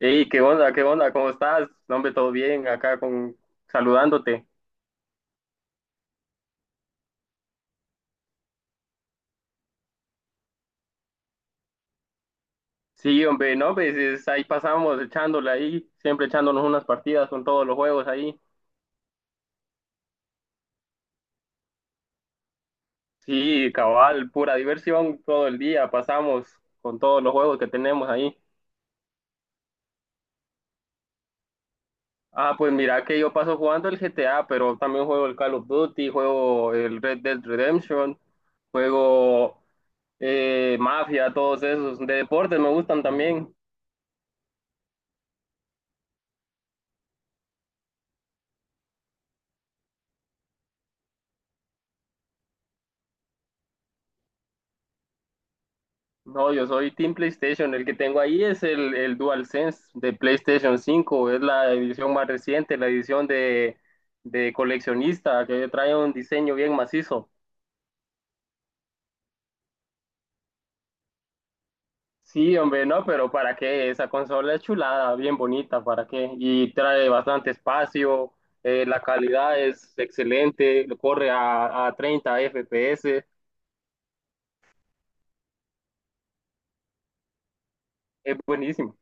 Hey, ¿qué onda? ¿Qué onda? ¿Cómo estás? No, hombre, todo bien, acá con saludándote. Sí, hombre, no, pues ahí pasamos echándole ahí, siempre echándonos unas partidas con todos los juegos ahí. Sí, cabal, pura diversión todo el día, pasamos con todos los juegos que tenemos ahí. Ah, pues mira que yo paso jugando el GTA, pero también juego el Call of Duty, juego el Red Dead Redemption, juego Mafia, todos esos. De deportes me gustan también. No, yo soy Team PlayStation. El que tengo ahí es el DualSense de PlayStation 5. Es la edición más reciente, la edición de coleccionista, que trae un diseño bien macizo. Sí, hombre, no, pero ¿para qué? Esa consola es chulada, bien bonita, ¿para qué? Y trae bastante espacio, la calidad es excelente, corre a, 30 FPS, es buenísimo.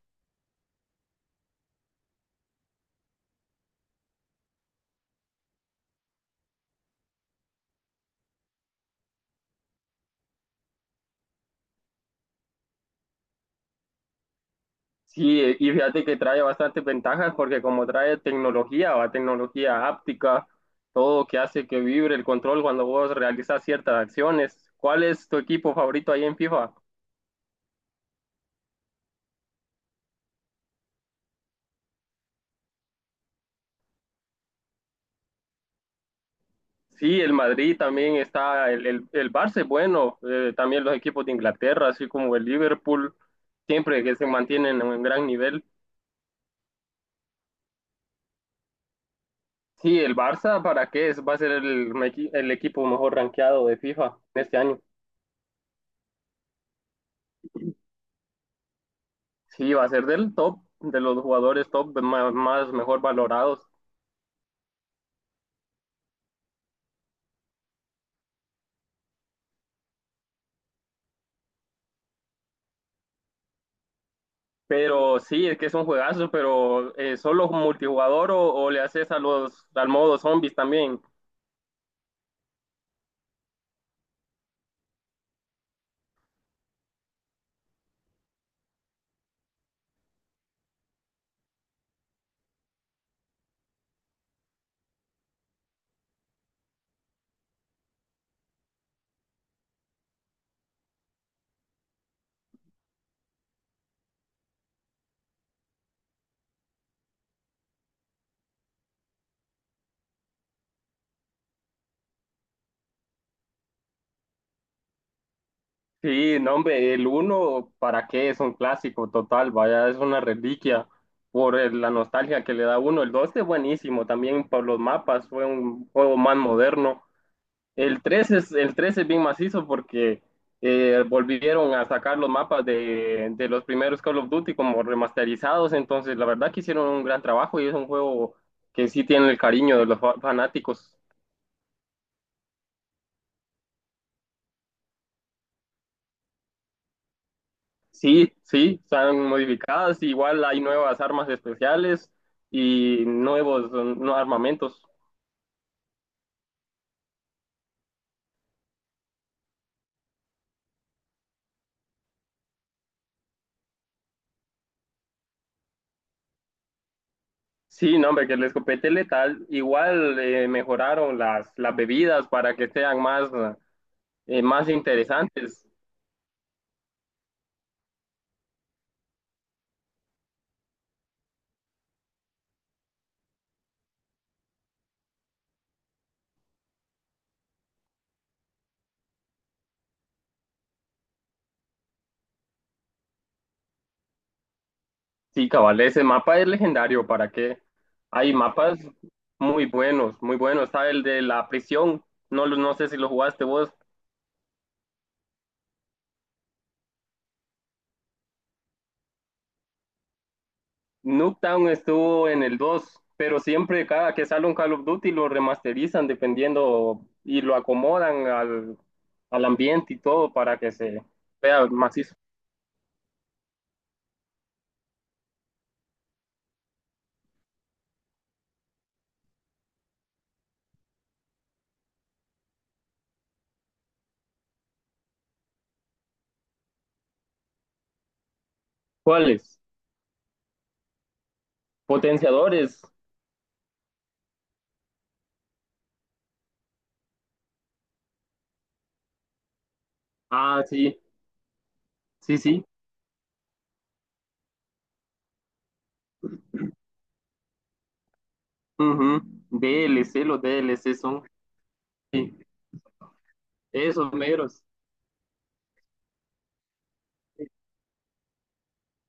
Sí, y fíjate que trae bastantes ventajas porque como trae tecnología, va tecnología áptica, todo que hace que vibre el control cuando vos realizas ciertas acciones. ¿Cuál es tu equipo favorito ahí en FIFA? Sí, el Madrid también está, el Barça es bueno, también los equipos de Inglaterra, así como el Liverpool, siempre que se mantienen en un gran nivel. Sí, el Barça, ¿para qué? Va a ser el equipo mejor rankeado de FIFA este año. Sí, va a ser del top, de los jugadores top más mejor valorados. Pero sí, es que es un juegazo, pero solo multijugador o le haces al modo zombies también. Sí, no, hombre, el uno ¿para qué? Es un clásico total, vaya, es una reliquia la nostalgia que le da uno. El 2 es buenísimo también por los mapas, fue un juego más moderno. El tres es bien macizo porque volvieron a sacar los mapas de los primeros Call of Duty como remasterizados, entonces la verdad que hicieron un gran trabajo y es un juego que sí tiene el cariño de los fanáticos. Sí, sí, están modificadas, igual hay nuevas armas especiales y nuevos no, armamentos. Sí, no, hombre, que el escopete letal, igual mejoraron las bebidas para que sean más interesantes. Sí, cabal, ese mapa es legendario, ¿para qué? Hay mapas muy buenos, muy buenos. Está el de la prisión, no, no sé si lo jugaste vos. Nuketown estuvo en el 2, pero siempre cada que sale un Call of Duty lo remasterizan dependiendo y lo acomodan al ambiente y todo para que se vea macizo. ¿Cuáles? Potenciadores. Ah, sí, sí, sí. Ujú. D L C los D L C son, sí, esos meros.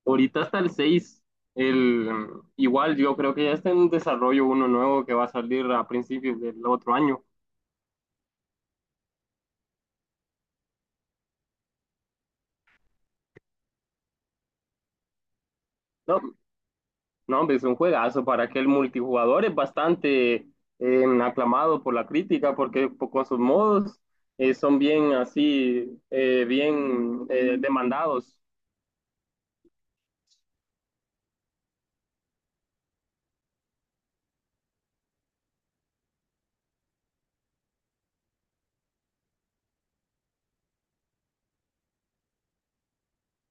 Ahorita hasta el 6 el, igual yo creo que ya está en desarrollo uno nuevo que va a salir a principios del otro año. No, no, hombre, es un juegazo para que el multijugador es bastante aclamado por la crítica porque con sus modos son bien así, bien demandados.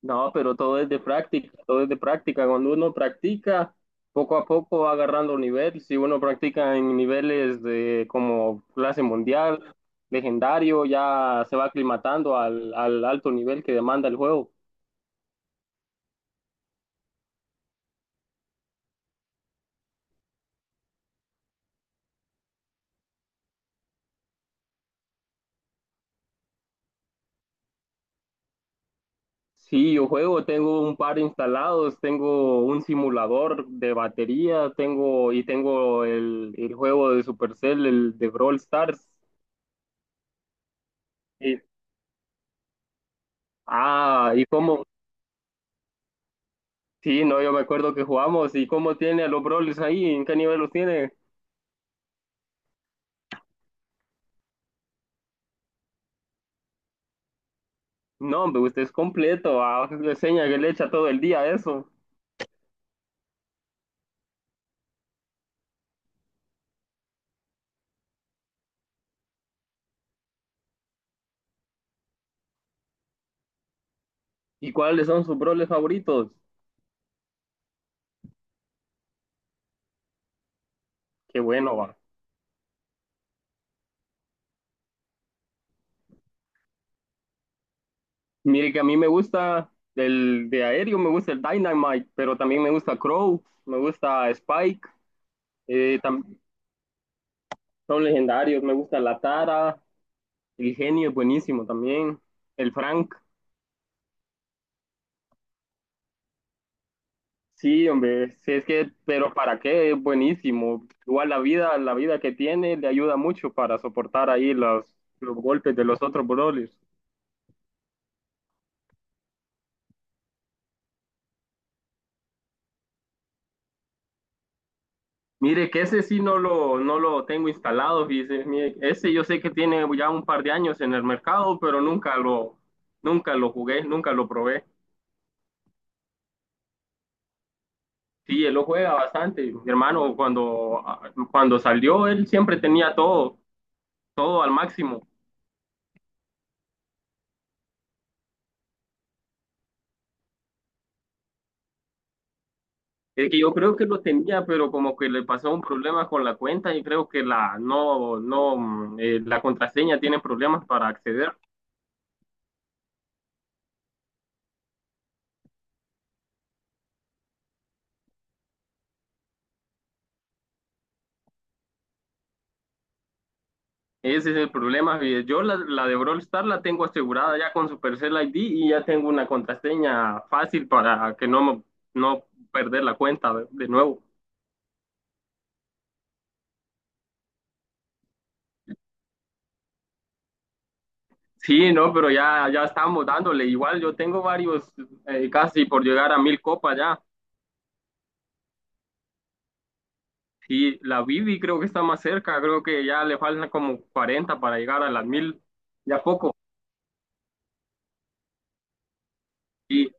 No, pero todo es de práctica, todo es de práctica. Cuando uno practica, poco a poco va agarrando nivel. Si uno practica en niveles de como clase mundial, legendario, ya se va aclimatando al alto nivel que demanda el juego. Sí, yo juego, tengo un par instalados, tengo un simulador de batería, tengo y tengo el juego de Supercell, el de Brawl Stars. Y- y cómo, sí, no, yo me acuerdo que jugamos y cómo tiene a los Brawlers ahí, en qué nivel los tiene. No, hombre, usted es completo, ah, le enseña que le echa todo el día a eso. ¿Y cuáles son sus Brawlers favoritos? Qué bueno, va. Mire que a mí me gusta el de aéreo, me gusta el Dynamite, pero también me gusta Crow, me gusta Spike, eh, tam- son legendarios, me gusta la Tara, el genio es buenísimo también, el Frank. Sí, hombre, sí, es que, pero ¿para qué? Es buenísimo. Igual la vida que tiene le ayuda mucho para soportar ahí los golpes de los otros brothers. Mire, que ese sí no lo tengo instalado, fíjese. Mire, ese yo sé que tiene ya un par de años en el mercado, pero nunca lo jugué, nunca lo probé. Sí, él lo juega bastante. Mi hermano, cuando salió, él siempre tenía todo, todo al máximo. Es que yo creo que lo tenía, pero como que le pasó un problema con la cuenta y creo que la no, no, la contraseña tiene problemas para acceder. Ese es el problema. Y yo la de Brawl Stars la tengo asegurada ya con Supercell ID y ya tengo una contraseña fácil para que no, no perder la cuenta de nuevo. Sí, no, pero ya, ya estamos dándole. Igual yo tengo varios, casi por llegar a 1.000 copas ya. Y la Bibi creo que está más cerca, creo que ya le faltan como 40 para llegar a las 1.000 ya poco. Y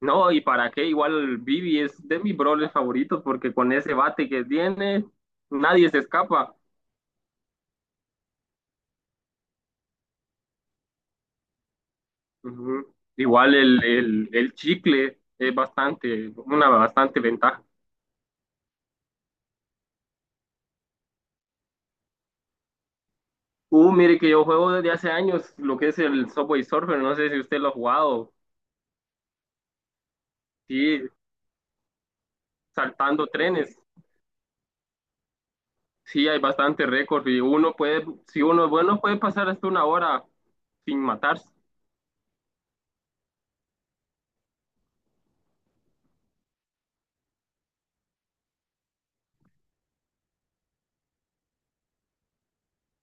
no, ¿y para qué? Igual Bibi es de mis brawlers favoritos porque con ese bate que tiene, nadie se escapa. Ujú. Igual el chicle es bastante, una bastante ventaja. Mire que yo juego desde hace años lo que es el Subway Surfer, no sé si usted lo ha jugado, sí, saltando trenes. Sí, hay bastante récord y uno puede, si uno es bueno, puede pasar hasta una hora sin matarse.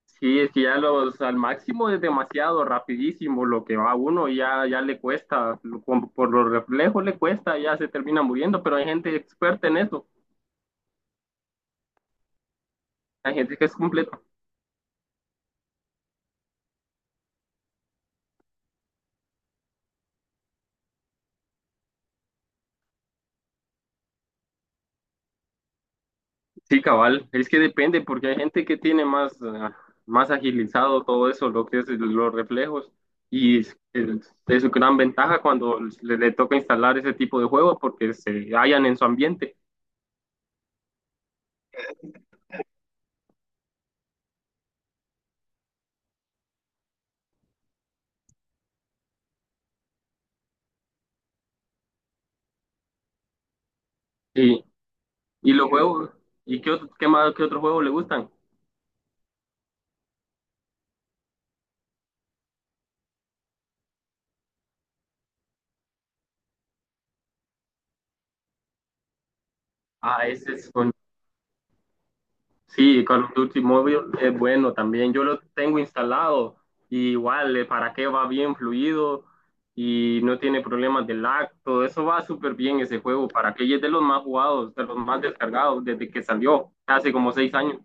Sí, es que ya al máximo es demasiado rapidísimo lo que va uno y ya, ya le cuesta, como por los reflejos le cuesta, ya se termina muriendo, pero hay gente experta en eso, hay gente que es completamente. Sí, cabal, es que depende, porque hay gente que tiene más agilizado todo eso, lo que es los reflejos, y es gran ventaja cuando le toca instalar ese tipo de juegos porque se hallan en su ambiente. Y, y los juegos, ¿y qué, qué más, qué otros juegos le gustan? Ah, ese es. Sí, Call of Duty Mobile es bueno también. Yo lo tengo instalado y igual para qué va bien fluido y no tiene problemas de lag. Todo eso va súper bien ese juego. Para que es de los más jugados, de los más descargados desde que salió hace como 6 años.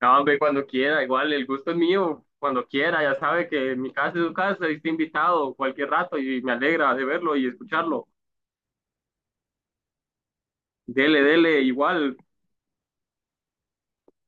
No, hombre, cuando quiera, igual el gusto es mío. Cuando quiera, ya sabe que mi casa es su casa y está invitado cualquier rato y me alegra de verlo y escucharlo. Dele, dele, igual